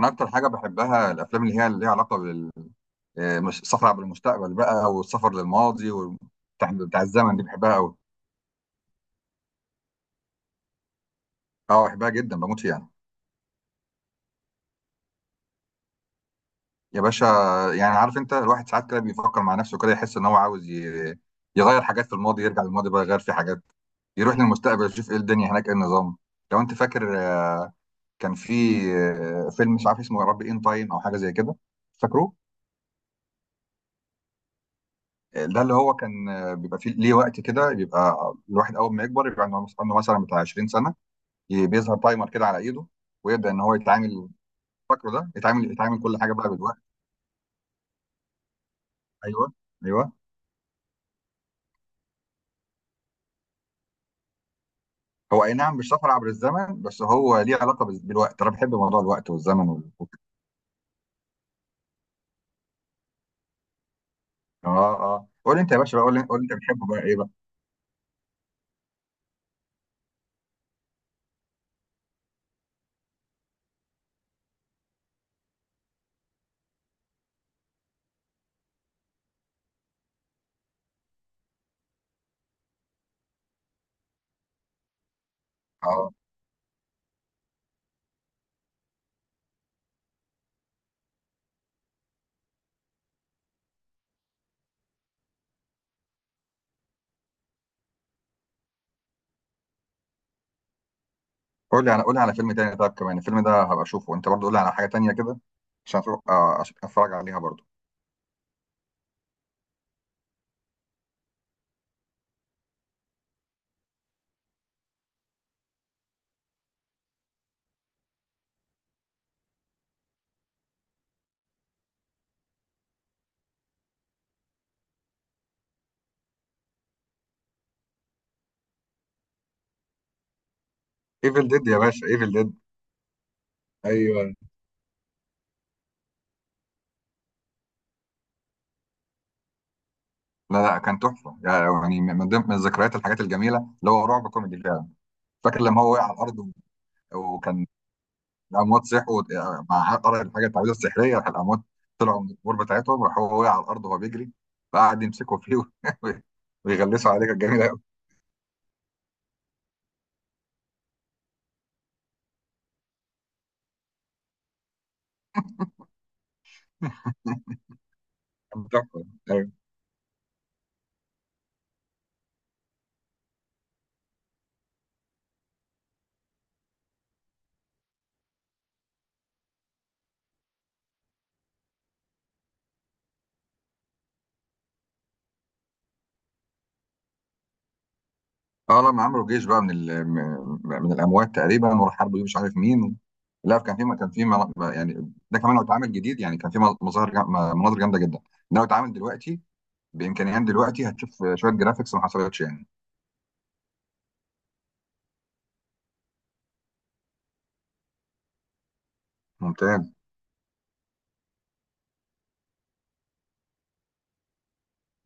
انا اكتر حاجه بحبها الافلام اللي هي اللي ليها علاقه بال آه، مش سفر عبر المستقبل بقى والسفر للماضي وبتاع بتاع بتاع الزمن دي بحبها قوي. اه، بحبها جدا، بموت فيها. يا باشا، يعني عارف انت الواحد ساعات كده بيفكر مع نفسه كده، يحس ان هو عاوز يغير حاجات في الماضي، يرجع للماضي بقى يغير في حاجات، يروح للمستقبل يشوف ايه الدنيا هناك، ايه النظام. لو انت فاكر، كان في فيلم مش عارف اسمه، يا رب، ان تايم او حاجه زي كده، فاكروه؟ ده اللي هو كان بيبقى فيه ليه وقت كده، بيبقى الواحد اول ما يكبر يبقى عنده مثلا بتاع 20 سنه، بيظهر تايمر كده على ايده، ويبدا ان هو يتعامل. فاكره ده، يتعامل كل حاجه بقى بالوقت. ايوه، ايوه. هو اي نعم مش سفر عبر الزمن، بس هو ليه علاقه بالوقت. انا بحب موضوع الوقت والزمن وال... اه، اه، قول انت يا باشا بقى، قول، قول انت بتحبه بقى ايه بقى. اه، قول لي على فيلم تاني، طب كمان الفيلم ده هبقى اشوفه، انت برضه قول لي على حاجه تانيه كده عشان عشان اتفرج عليها برضه. ايفل ديد يا باشا، ايفل ديد. ايوه. لا لا، كان تحفه يعني، من ضمن من ذكريات الحاجات الجميله، اللي هو رعب كوميدي فعلا. فاكر لما هو وقع على الارض وكان الاموات صحوا، مع قرأ الحاجه التعويذه السحريه راح الاموات طلعوا من القبور بتاعتهم، راح هو وقع على الارض وهو بيجري، فقعد يمسكوا فيه ويغلسوا عليه، كانت جميله قوي. كانت تحفة. أيوة. اه، لما عملوا جيش بقى من من الاموات تقريبا وراح حاربوا مش عارف مين. لا، كان في يعني ده كمان لو اتعمل جديد يعني، كان في مناظر جامده جدا. لو اتعمل دلوقتي بامكانيات دلوقتي، هتشوف شويه جرافيكس ما حصلتش يعني. ممتاز.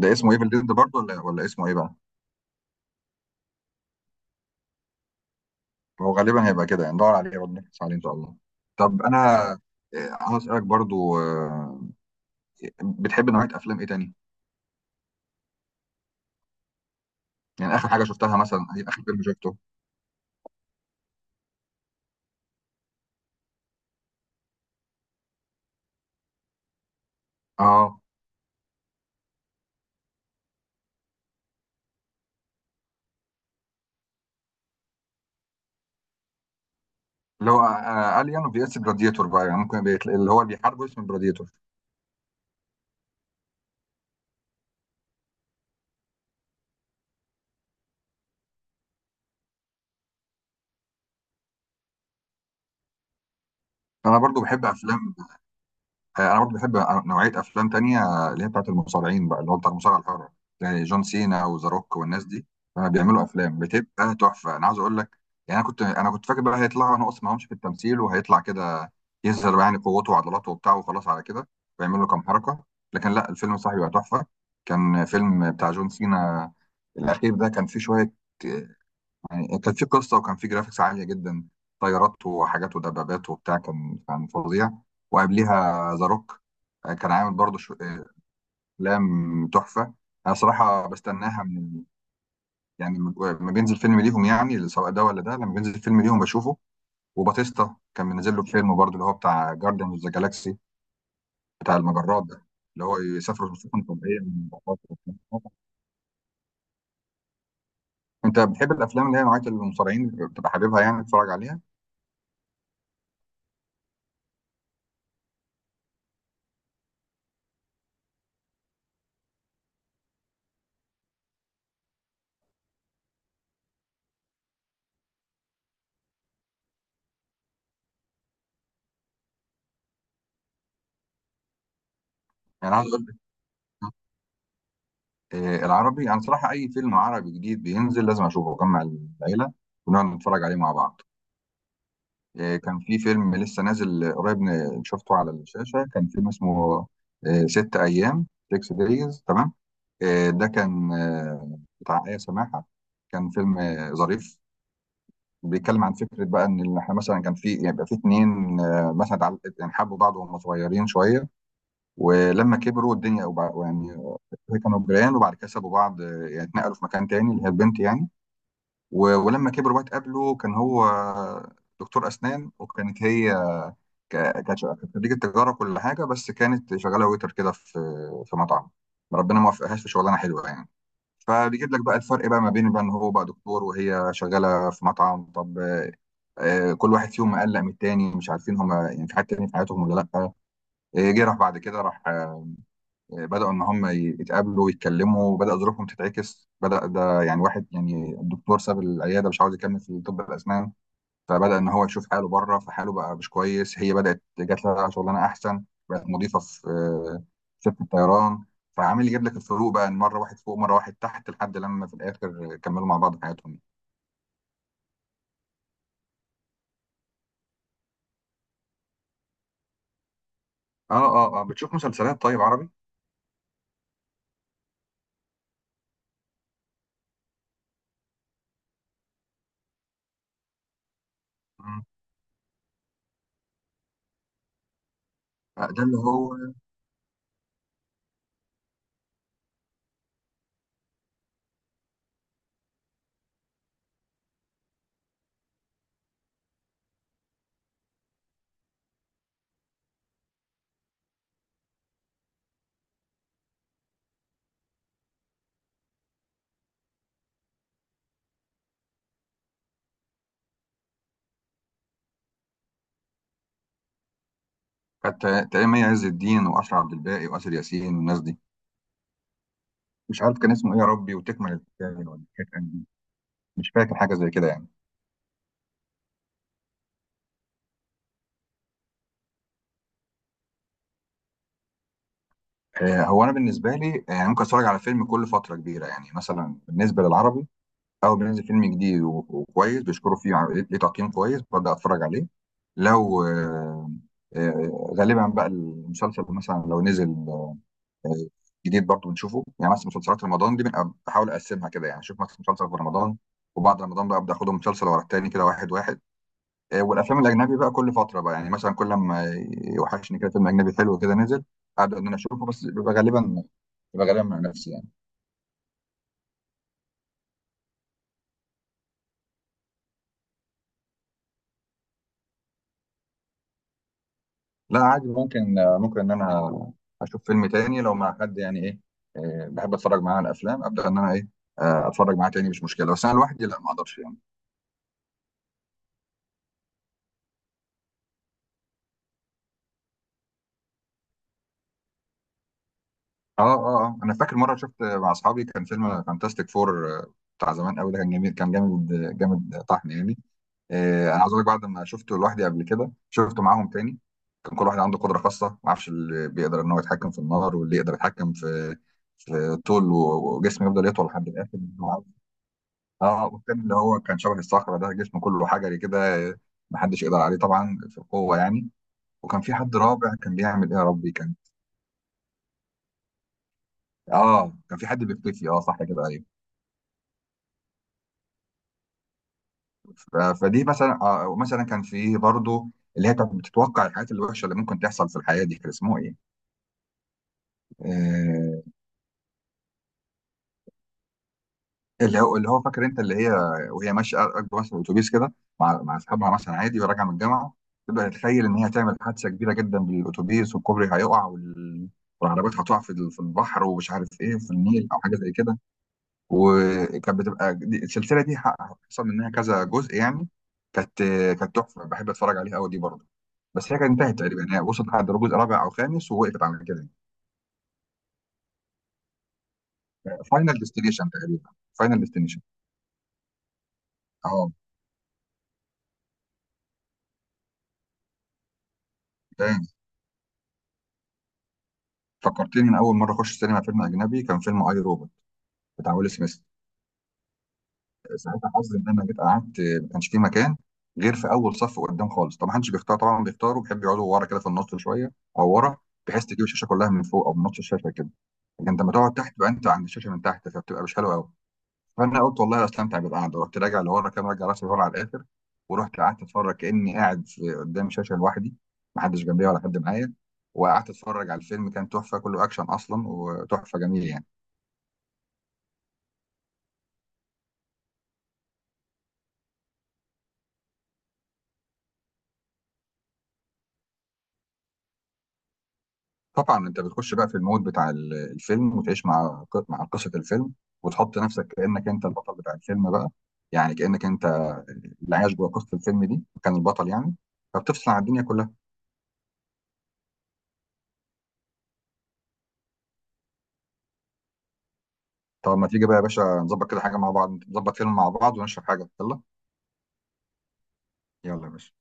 ده اسمه ايفل ديد برضه، ولا ولا اسمه ايه بقى؟ هو غالبا هيبقى كده يعني، ندور عليه ونبحث عليه ان شاء الله. طب انا عاوز اسالك برضو، بتحب نوعيه افلام ايه تاني؟ يعني اخر حاجه شفتها مثلا ايه، اخر فيلم شفته. اه، اللي هو الين في اس جلاديتور بقى، يعني ممكن بيتل... اللي هو اللي بيحاربوا اسمه جلاديتور. انا برضو بحب افلام، انا برضه بحب نوعيه افلام تانية، اللي هي بتاعت المصارعين بقى، اللي هو بتاع المصارعه الحره، يعني جون سينا وذا روك والناس دي. بيعملوا افلام بتبقى تحفه، انا عايز اقول لك. يعني انا كنت فاكر بقى هيطلعوا نقص معهمش في التمثيل، وهيطلع كده يظهر بقى يعني قوته وعضلاته وبتاع، وخلاص على كده ويعمل له كام حركه. لكن لا، الفيلم صاحبي بقى تحفه. كان فيلم بتاع جون سينا، الاخير ده كان فيه شويه، يعني كانت في قصه، وكان في جرافيكس عاليه جدا، طيارات وحاجات ودبابات وبتاع، كان فظيع. وقبليها ذا روك كان عامل برضه افلام تحفه. انا صراحه بستناها من، يعني لما بينزل فيلم ليهم يعني سواء ده ولا ده، لما بينزل فيلم ليهم بشوفه. وباتيستا كان منزل له فيلم برضه، اللي هو بتاع جارديان اوف ذا جالاكسي، بتاع المجرات ده، اللي هو يسافروا في سفن فضائيه من المجرات وبتاع. انت بتحب الافلام اللي هي نوعيه المصارعين، بتبقى حاببها يعني تتفرج عليها؟ يعني عايز اقول، العربي، انا صراحه اي فيلم عربي جديد بينزل لازم اشوفه، واجمع العيله ونقعد نتفرج عليه مع بعض. كان في فيلم لسه نازل قريب، شفته على الشاشه، كان فيلم اسمه ست ايام، 6 دايز، تمام. ده كان بتاع ايه سماحه. كان فيلم ظريف، بيتكلم عن فكره بقى ان احنا مثلا كان في، يبقى في اتنين، مثلا يعني حبوا بعض وهم صغيرين شويه، ولما كبروا الدنيا يعني كانوا جيران، وبعد كده سابوا بعض، يعني اتنقلوا في مكان تاني، اللي هي البنت يعني، ولما كبر بقى اتقابلوا، كان هو دكتور أسنان، وكانت هي ك- كانت خريجة تجارة كل حاجة، بس كانت شغالة ويتر كده في في مطعم، ربنا ما وفقهاش في شغلانة حلوة يعني. فبيجيب لك بقى الفرق بقى ما بين بقى ان هو بقى دكتور، وهي شغاله في مطعم. طب، كل واحد فيهم مقلق من التاني، مش عارفين هما يعني في حد تاني في حياتهم ولا لا. جه راح بعد كده راح، بدأوا إن هم يتقابلوا ويتكلموا، بدأ ظروفهم تتعكس، بدأ ده يعني واحد، يعني الدكتور ساب العيادة مش عاوز يكمل في طب الأسنان، فبدأ إن هو يشوف حاله بره، فحاله بقى مش كويس. هي بدأت جات لها شغلانة أحسن، بقت مضيفة في شركة طيران، فعامل يجيب لك الفروق بقى، إن مرة واحد فوق مرة واحد تحت، لحد لما في الآخر كملوا مع بعض حياتهم. آه، آه، آه. بتشوف مسلسلات طيب عربي؟ مم. ده اللي هو، كانت تقريبا مي عز الدين وأشرف عبد الباقي وآسر ياسين والناس دي. مش عارف كان اسمه إيه يا ربي، وتكمل الحكاية ولا كانت أنهي. مش فاكر حاجة زي كده يعني. هو أنا بالنسبة لي، يعني ممكن أتفرج على فيلم كل فترة كبيرة، يعني مثلا بالنسبة للعربي، أول ما ينزل فيلم جديد وكويس بيشكروا فيه، ليه تقييم كويس، ببدأ أتفرج عليه. لو غالبا بقى المسلسل مثلا لو نزل جديد برضه بنشوفه، يعني مثلا مسلسلات رمضان دي بنبقى بحاول اقسمها كده، يعني اشوف مثلا مسلسل في رمضان، وبعد رمضان بقى ابدا اخدهم مسلسل ورا التاني كده واحد واحد. والافلام الاجنبي بقى كل فتره بقى، يعني مثلا كل ما يوحشني كده فيلم اجنبي حلو كده نزل، ابدا ان انا اشوفه، بس بيبقى غالبا مع نفسي يعني. لا عادي، ممكن ان انا اشوف فيلم تاني لو مع حد، يعني ايه، بحب اتفرج معاه على افلام، ابدا ان انا ايه، اتفرج معاه تاني مش مشكله، بس انا لوحدي لا ما اقدرش يعني. اه، اه، آه. انا فاكر مره شفت مع اصحابي كان فيلم فانتاستيك فور، بتاع زمان قوي ده، كان جميل، كان جامد، جامد طحن يعني. انا عاوز اقول لك، بعد ما شفته لوحدي قبل كده شفته معاهم تاني. كان كل واحد عنده قدره خاصه، ما اعرفش، اللي بيقدر ان هو يتحكم في النار، واللي يقدر يتحكم في في طول وجسمه يفضل يطول لحد الاخر. اه، والتاني اللي هو كان شبه الصخرة ده، جسمه كله حجري كده، محدش يقدر عليه طبعا في القوة يعني. وكان في حد رابع كان بيعمل ايه يا ربي، كان، اه كان في حد بيختفي، اه صح كده، ايوه. فدي مثلا، آه مثلا، كان في برضه اللي هي كانت بتتوقع الحاجات الوحشة اللي ممكن تحصل في الحياة دي، كان اسمه ايه؟ آه، اللي هو اللي هو، فاكر انت اللي هي، وهي ماشيه راكبه مثلا الاتوبيس كده مع اصحابها، مثلا عادي وراجعه من الجامعه، تبدا تتخيل ان هي هتعمل حادثه كبيره جدا بالاتوبيس، والكوبري هيقع وال... والعربيات هتقع في في البحر، ومش عارف ايه، في النيل او حاجه زي كده. وكانت بتبقى السلسله دي، حصل منها كذا جزء يعني. كانت كانت تحفه، بحب اتفرج عليها قوي دي برضه. بس هي كانت انتهت تقريبا، هي وصلت لحد جزء رابع او خامس ووقفت على كده. فاينل ديستنيشن تقريبا، فاينل ديستنيشن. اه. فكرتني انا اول مره اخش سينما فيلم اجنبي، كان فيلم اي روبوت، بتاع ويل سميث. ساعتها حظي ان انا جيت قعدت ما كانش في مكان غير في اول صف قدام خالص. طب ما حدش بيختار طبعا، بيختاروا بيحب يقعدوا ورا كده في النص شويه او ورا، بحيث تجيب الشاشه كلها من فوق او من نص الشاشه كده. لكن لما تقعد تحت بقى انت عند الشاشه من تحت، فبتبقى مش حلوه قوي. فانا قلت والله استمتع بالقعده، رحت راجع لورا كده، راجع راسي لورا على الاخر، ورحت قعدت اتفرج كاني قاعد في قدام شاشه لوحدي، ما حدش جنبي ولا حد معايا. وقعدت اتفرج على الفيلم، كان تحفه، كله اكشن اصلا وتحفه، جميل يعني. طبعا انت بتخش بقى في المود بتاع الفيلم، وتعيش مع قصه الفيلم، وتحط نفسك كانك انت البطل بتاع الفيلم بقى، يعني كانك انت اللي عايش جوه قصه الفيلم دي، كان البطل يعني، فبتفصل عن الدنيا كلها. طب ما تيجي بقى يا باشا، نظبط كده حاجه مع بعض، نظبط فيلم مع بعض ونشرب حاجه، يلا. يلا يا باشا.